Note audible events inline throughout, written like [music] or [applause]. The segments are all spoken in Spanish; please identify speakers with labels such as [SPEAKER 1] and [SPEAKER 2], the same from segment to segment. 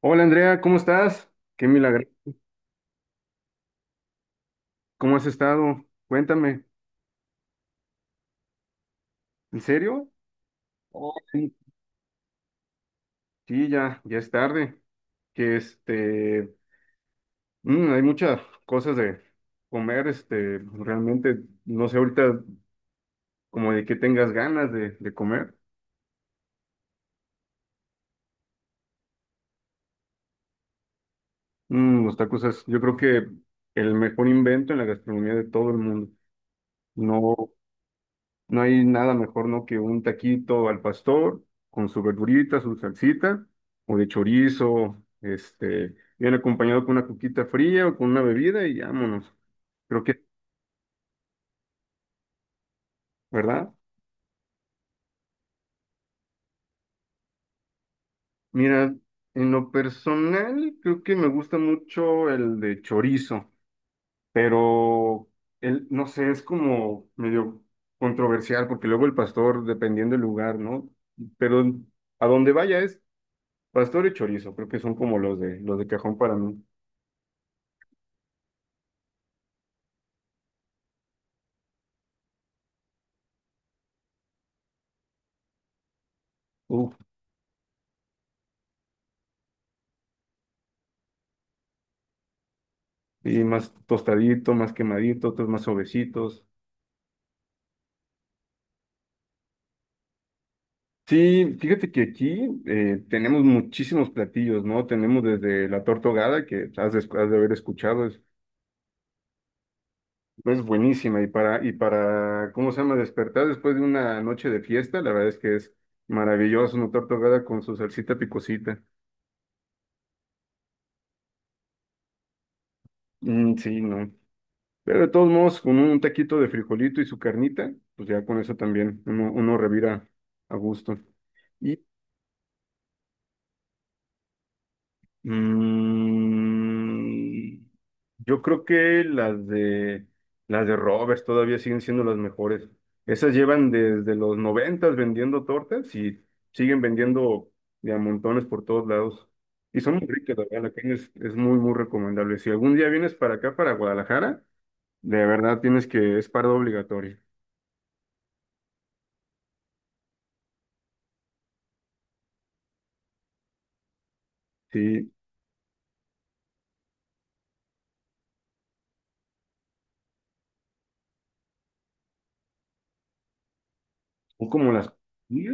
[SPEAKER 1] Hola Andrea, ¿cómo estás? Qué milagro. ¿Cómo has estado? Cuéntame. ¿En serio? Sí. Sí, ya, ya es tarde. Que este, Hay muchas cosas de comer, realmente, no sé ahorita como de qué tengas ganas de comer. Los tacos es, yo creo que el mejor invento en la gastronomía de todo el mundo. No, no hay nada mejor, ¿no? Que un taquito al pastor con su verdurita, su salsita, o de chorizo, este, bien acompañado con una coquita fría o con una bebida y vámonos. Creo que, ¿verdad? Mira, en lo personal, creo que me gusta mucho el de chorizo, pero no sé, es como medio controversial, porque luego el pastor, dependiendo del lugar, ¿no? Pero a donde vaya es pastor y chorizo, creo que son como los de cajón para mí. Uf, y más tostadito, más quemadito, otros más suavecitos. Sí, fíjate que aquí tenemos muchísimos platillos, ¿no? Tenemos desde la torta ahogada, que has de haber escuchado, es buenísima. Y para, ¿cómo se llama? Despertar después de una noche de fiesta, la verdad es que es maravilloso una torta ahogada con su salsita picosita. Mm, sí, no. Pero de todos modos, con un taquito de frijolito y su carnita, pues ya con eso también uno revira a gusto. Y Mm, yo creo que las de Roberts todavía siguen siendo las mejores. Esas llevan desde los noventas vendiendo tortas y siguen vendiendo de a montones por todos lados. Y son muy ricas, la verdad, la carne es muy, muy recomendable. Si algún día vienes para acá, para Guadalajara, de verdad tienes que, es parada obligatoria. Sí, o como las... ¿sí?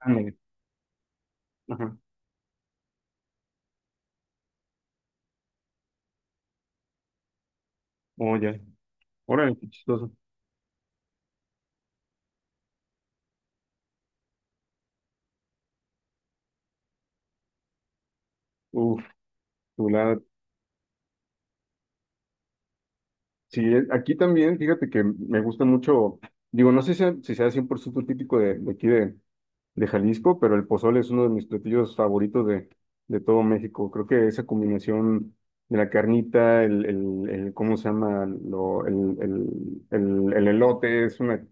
[SPEAKER 1] Ah, no. Ajá. Oh, ya. Órale, qué chistoso. Uf, chulada. Sí, aquí también, fíjate que me gusta mucho, digo, no sé si sea 100% típico de aquí de Jalisco, pero el pozole es uno de mis platillos favoritos de todo México. Creo que esa combinación de la carnita, ¿cómo se llama? Lo, el elote, es una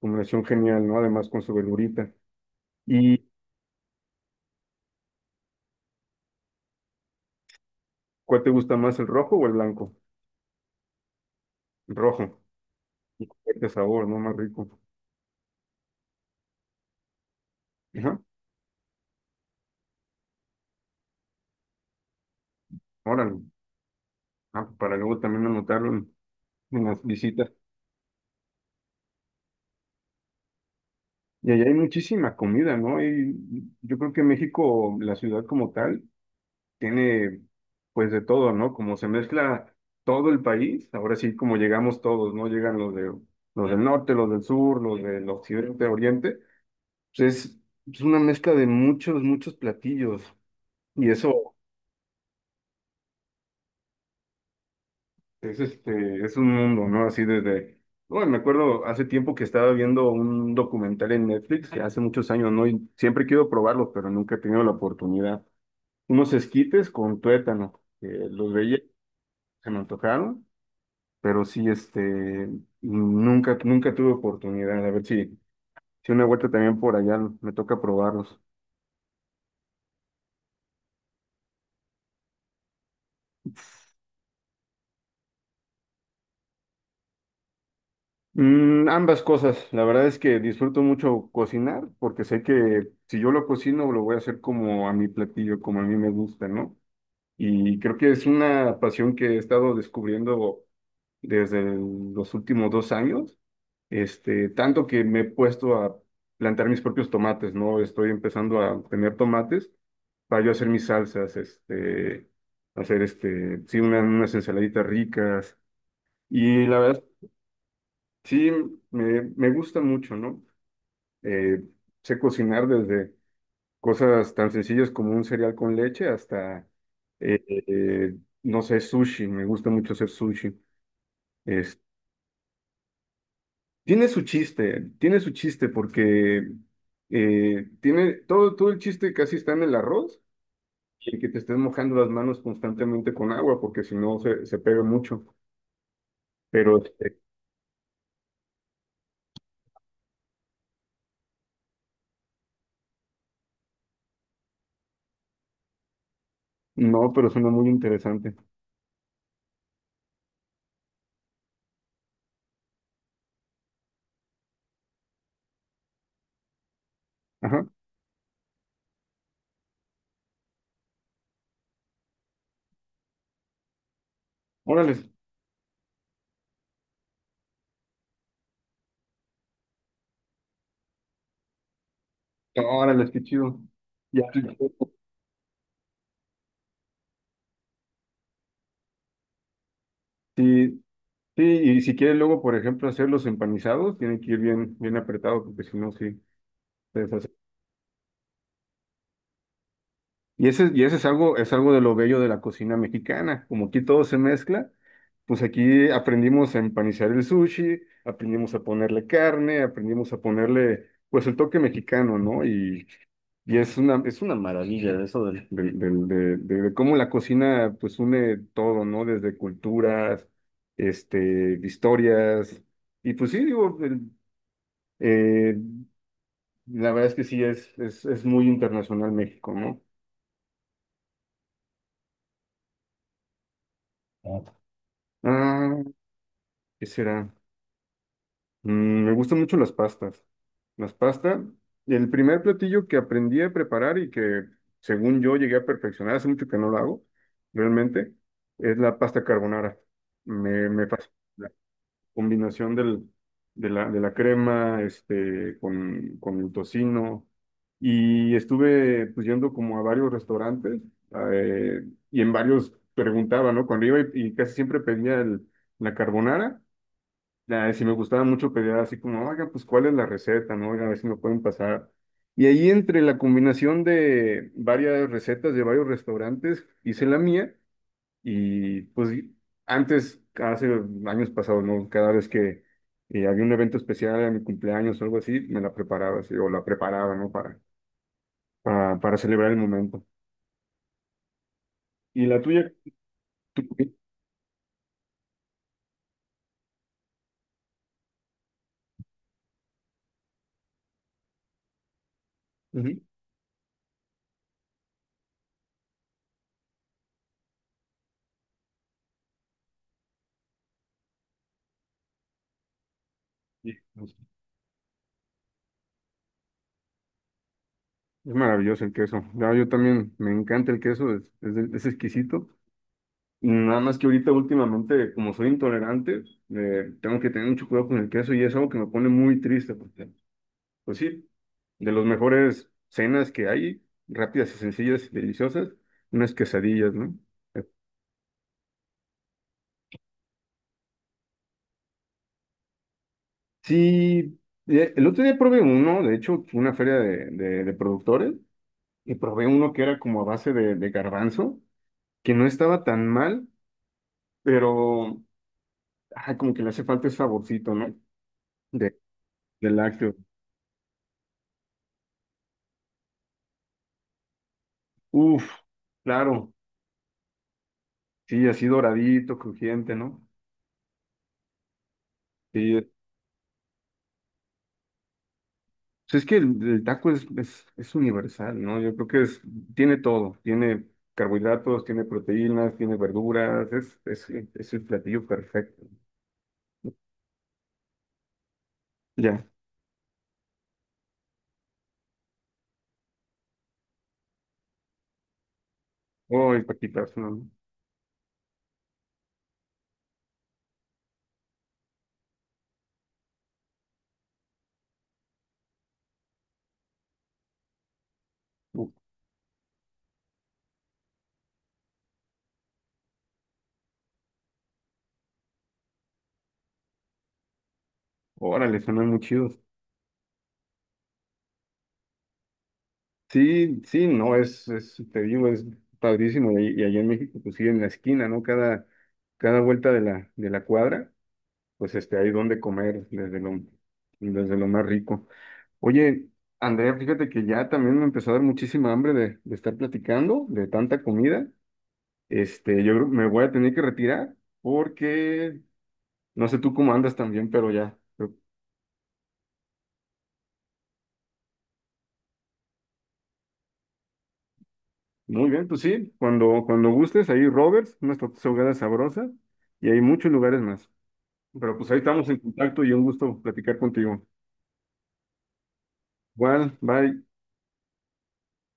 [SPEAKER 1] combinación genial, ¿no? Además con su verdurita. ¿Y cuál te gusta más, el rojo o el blanco? El rojo. Y este sabor, ¿no? Más rico. Ajá. Órale. Ah, para luego también anotarlo en las visitas. Y allá hay muchísima comida, ¿no? Y yo creo que México, la ciudad como tal, tiene pues de todo, ¿no? Como se mezcla todo el país, ahora sí como llegamos todos, ¿no? Llegan los del norte, los del sur, los del occidente, oriente. Pues es una mezcla de muchos, muchos platillos. Y eso es este, es un mundo, ¿no? Así desde. Bueno, me acuerdo hace tiempo que estaba viendo un documental en Netflix, que hace muchos años, ¿no? Y siempre quiero probarlo, pero nunca he tenido la oportunidad. Unos esquites con tuétano, que los veía, se me antojaron, pero sí, nunca tuve oportunidad. A ver si una vuelta también por allá me toca probarlos. Ambas cosas, la verdad es que disfruto mucho cocinar, porque sé que si yo lo cocino, lo voy a hacer como a mi platillo, como a mí me gusta, ¿no? Y creo que es una pasión que he estado descubriendo desde los últimos 2 años. Este, tanto que me he puesto a plantar mis propios tomates, ¿no? Estoy empezando a tener tomates para yo hacer mis salsas, este, hacer este, sí, una- unas ensaladitas ricas. Y la verdad, sí, me gusta mucho, ¿no? Eh, Sé cocinar desde cosas tan sencillas como un cereal con leche hasta, eh, eh, no sé, sushi. Me gusta mucho hacer sushi. Tiene su chiste porque tiene todo, todo el chiste casi está en el arroz y que te estés mojando las manos constantemente con agua porque si no se, se pega mucho. Pero este, no, pero suena muy interesante. Ajá, órale, órale, qué chido. Ya, [laughs] estoy- sí, sí, y si quieres luego, por ejemplo, hacer los empanizados, tiene que ir bien, bien apretado porque si no, sí, se deshace. Y y ese es algo de lo bello de la cocina mexicana. Como aquí todo se mezcla, pues aquí aprendimos a empanizar el sushi, aprendimos a ponerle carne, aprendimos a ponerle, pues, el toque mexicano, ¿no? Y es una maravilla eso de cómo la cocina, pues, une todo, ¿no? Desde culturas, este, historias. Y pues sí, digo, eh, la verdad es que sí, es muy internacional México, ¿no? ¿No? Ah. ¿Qué será? Mm, Me gustan mucho las pastas. Las pastas, el primer platillo que aprendí a preparar y que según yo llegué a perfeccionar, hace mucho que no lo hago, realmente, es la pasta carbonara. Me fascina la combinación de la crema este, con el tocino. Y estuve pues, yendo como a varios restaurantes eh, y en varios preguntaba, ¿no? Cuando iba y casi siempre pedía el- la carbonara. Ya, si me gustaba mucho pedir así como, oiga, pues cuál es la receta, ¿no? Oiga, a ver si me pueden pasar. Y ahí entre la combinación de varias recetas de varios restaurantes, hice la mía y pues antes, hace años pasados, ¿no? Cada vez que había un evento especial a mi cumpleaños o algo así, me la preparaba así, o la preparaba, ¿no? Para celebrar el momento. ¿Y la tuya? ¿Tú qué? Ujú. Sí, pues, es maravilloso el queso. Ya, yo también me encanta el queso, es exquisito. Nada más que ahorita últimamente, como soy intolerante, tengo que tener mucho cuidado con el queso y es algo que me pone muy triste, porque, pues sí, de las mejores cenas que hay, rápidas y sencillas y deliciosas, unas quesadillas, ¿no? Eh, Sí, el otro día probé uno, de hecho, una feria de productores, y probé uno que era como a base de garbanzo, que no estaba tan mal, pero ay, como que le hace falta ese saborcito, ¿no? De, de lácteo. Uf, claro. Sí, así doradito, crujiente, ¿no? Sí, pues es que el taco es universal, ¿no? Yo creo que es, tiene todo, tiene carbohidratos, tiene proteínas, tiene verduras, es el platillo perfecto. Ya. Uy, paquitas no. Uh, órale, suenan muy chidos. Sí, sí, no, es, te digo, es padrísimo. Y allá en México, pues sí, en la esquina, ¿no? Cada, cada vuelta de la cuadra pues este, hay donde comer desde lo más rico. Oye, Andrea, fíjate que ya también me empezó a dar muchísima hambre de estar platicando, de tanta comida. Este, yo creo que me voy a tener que retirar porque no sé tú cómo andas también, pero ya. Pero muy bien, pues sí, cuando gustes, ahí Roberts, unas tortas ahogadas sabrosas y hay muchos lugares más. Pero pues ahí estamos en contacto y un gusto platicar contigo. Bueno, bye.